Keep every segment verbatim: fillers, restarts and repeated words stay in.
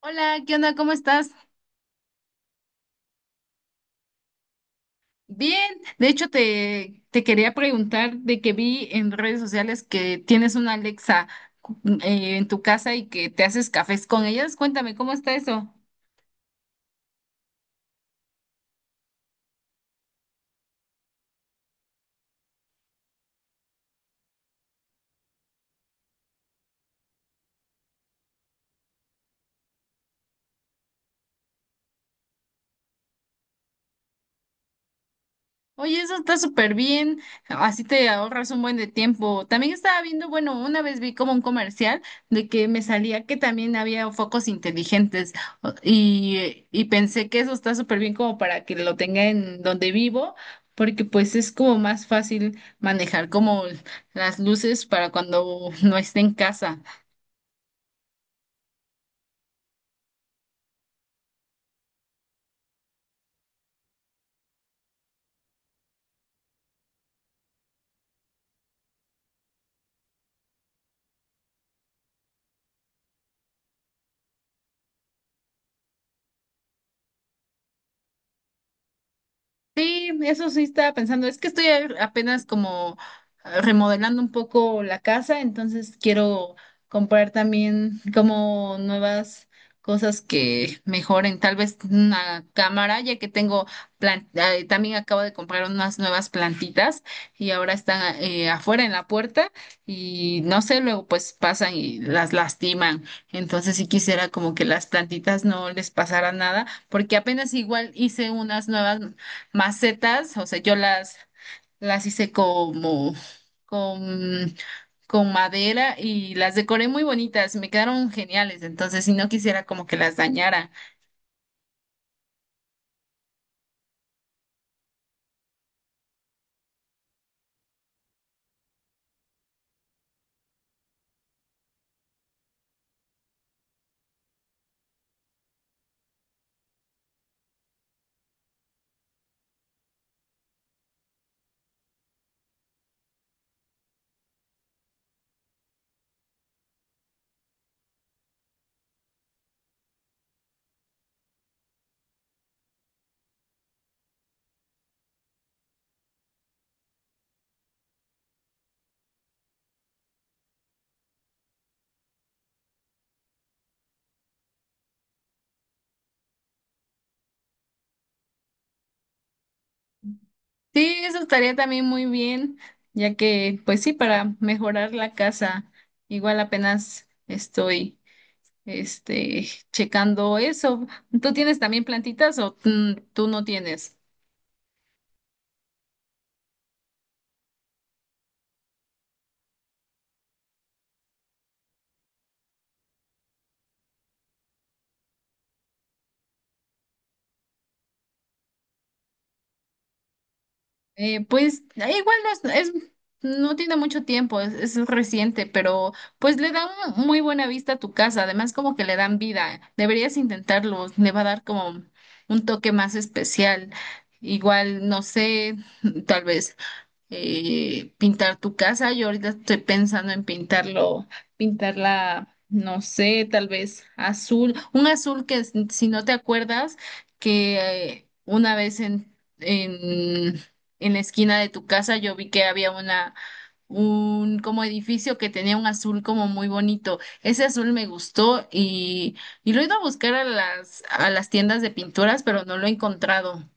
Hola, ¿qué onda? ¿Cómo estás? Bien, de hecho te, te quería preguntar de que vi en redes sociales que tienes una Alexa eh, en tu casa y que te haces cafés con ellas. Cuéntame, ¿cómo está eso? Oye, eso está súper bien, así te ahorras un buen de tiempo. También estaba viendo, bueno, una vez vi como un comercial de que me salía que también había focos inteligentes o- y, y pensé que eso está súper bien como para que lo tenga en donde vivo, porque pues es como más fácil manejar como las luces para cuando no esté en casa. Sí, eso sí estaba pensando. Es que estoy a- apenas como ah, remodelando un poco la casa, entonces quiero comprar también como nuevas cosas que mejoren. Tal vez una cámara, ya que tengo plan- eh, también acabo de comprar unas nuevas plantitas y ahora están eh, afuera en la puerta y no sé, luego pues pasan y las lastiman. Entonces sí quisiera como que las plantitas no les pasara nada, porque apenas igual hice unas nuevas macetas, o sea, yo las, las hice como con, con madera y las decoré muy bonitas, me quedaron geniales, entonces si no quisiera como que las dañara. Sí, eso estaría también muy bien, ya que, pues sí, para mejorar la casa, igual apenas estoy. Este, checando eso. ¿Tú tienes también plantitas o mm, tú no tienes? Eh, pues eh, igual no es, es- no tiene mucho tiempo, es, es reciente, pero pues le da un- muy buena vista a tu casa, además como que le dan vida, deberías intentarlo, le va a dar como un toque más especial, igual, no sé, tal vez eh, pintar tu casa. Yo ahorita estoy pensando en pintarlo, pintarla, no sé, tal vez azul, un azul que s- si no te acuerdas, que eh, una vez en, en, en la esquina de tu casa yo vi que había una, un como edificio que tenía un azul como muy bonito. Ese azul me gustó y, y lo he ido a buscar a las, a las tiendas de pinturas, pero no lo he encontrado.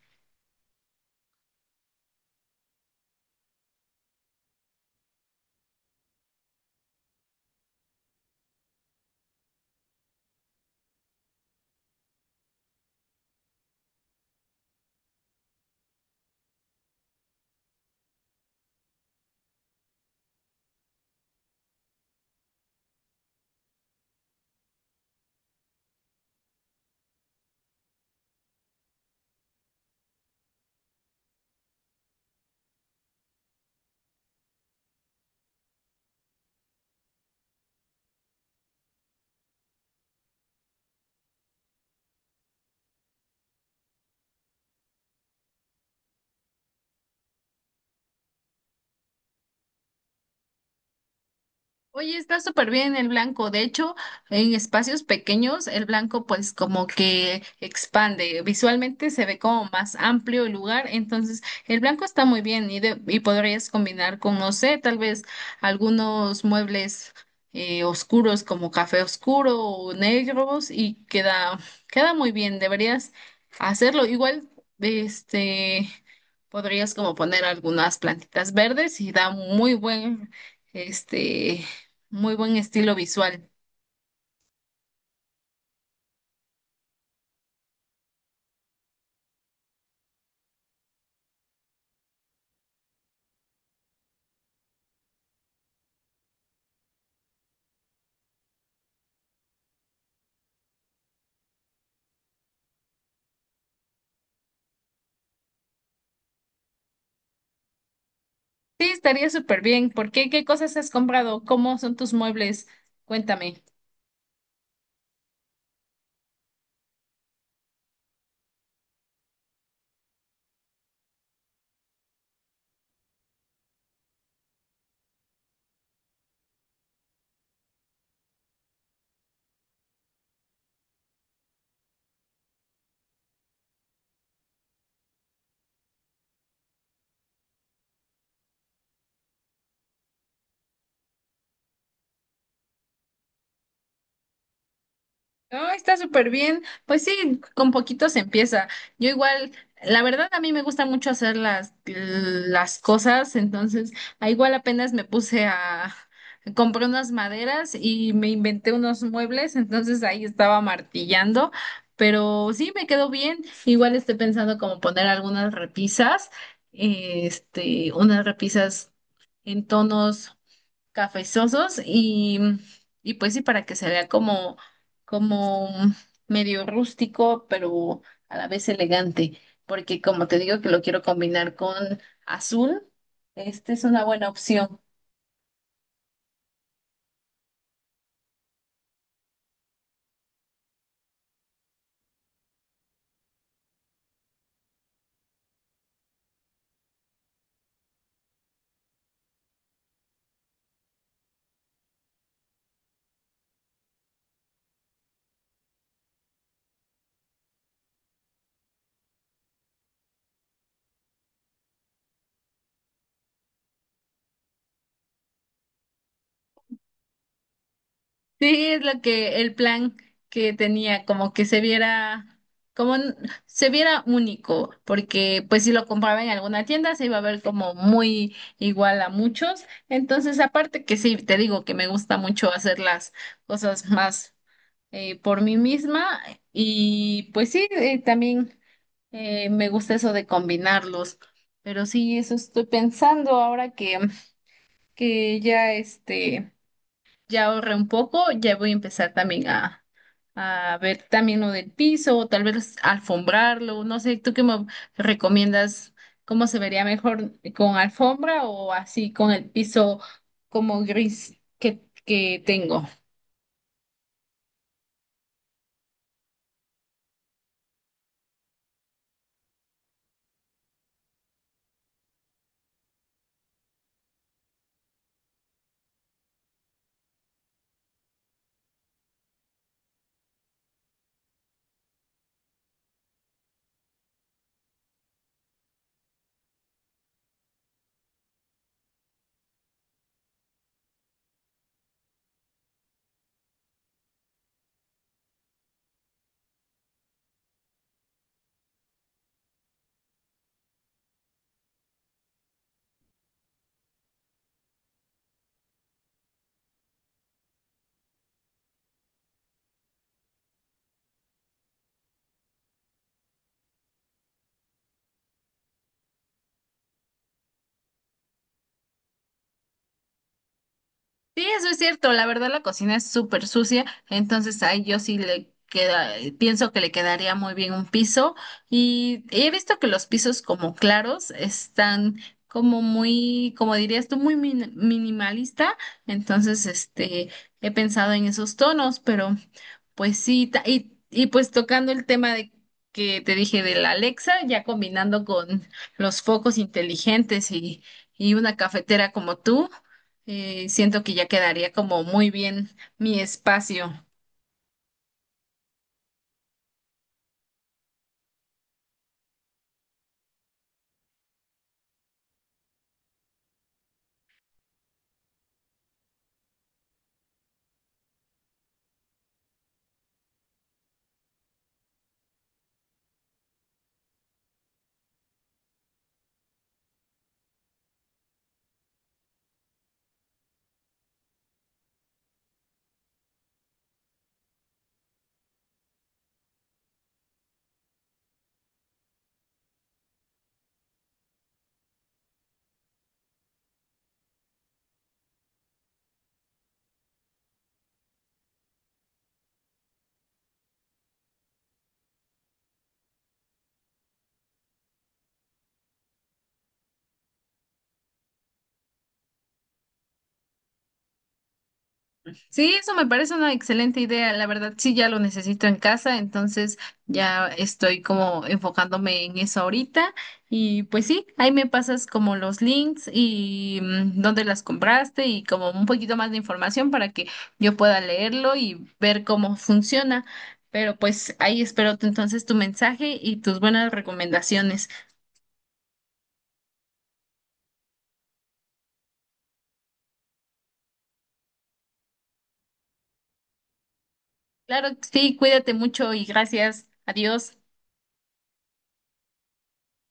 Oye, está súper bien el blanco. De hecho, en espacios pequeños, el blanco pues como que expande. Visualmente se ve como más amplio el lugar. Entonces, el blanco está muy bien y, de- y podrías combinar con, no sé, tal vez algunos muebles eh, oscuros como café oscuro o negros y queda, queda muy bien. Deberías hacerlo. Igual, este, podrías como poner algunas plantitas verdes y da muy buen, este muy buen estilo visual. Sí, estaría súper bien. ¿Por qué? ¿Qué cosas has comprado? ¿Cómo son tus muebles? Cuéntame. No, está súper bien. Pues sí, con poquito se empieza. Yo igual, la verdad a mí me gusta mucho hacer las, las cosas, entonces ah, igual apenas me puse a compré unas maderas y me inventé unos muebles, entonces ahí estaba martillando, pero sí me quedó bien. Igual estoy pensando como poner algunas repisas, este, unas repisas en tonos cafezosos y, y pues sí, para que se vea como, como medio rústico, pero a la vez elegante, porque como te digo que lo quiero combinar con azul, esta es una buena opción. Sí, es lo que el plan que tenía, como que se viera, como n- se viera único, porque pues si lo compraba en alguna tienda se iba a ver como muy igual a muchos. Entonces, aparte que sí, te digo que me gusta mucho hacer las cosas más eh, por mí misma y pues sí, eh, también eh, me gusta eso de combinarlos. Pero sí, eso estoy pensando ahora que, que ya este ya ahorré un poco, ya voy a empezar también a, a ver también lo del piso, o tal vez alfombrarlo, no sé, ¿tú qué me recomiendas? ¿Cómo se vería mejor con alfombra o así con el piso como gris que, que tengo? Sí, eso es cierto. La verdad, la cocina es súper sucia, entonces ahí yo sí le queda, eh, pienso que le quedaría muy bien un piso. Y he visto que los pisos como claros están como muy, como dirías tú, muy min- minimalista. Entonces, este, he pensado en esos tonos, pero pues sí, ta- y, y pues tocando el tema de que te dije de la Alexa, ya combinando con los focos inteligentes y, y una cafetera como tú eh, siento que ya quedaría como muy bien mi espacio. Sí, eso me parece una excelente idea. La verdad, sí, ya lo necesito en casa, entonces ya estoy como enfocándome en eso ahorita. Y pues sí, ahí me pasas como los links y mm, dónde las compraste y como un poquito más de información para que yo pueda leerlo y ver cómo funciona. Pero pues ahí espero tu- entonces tu mensaje y tus buenas recomendaciones. Claro, que sí, cuídate mucho y gracias. Adiós.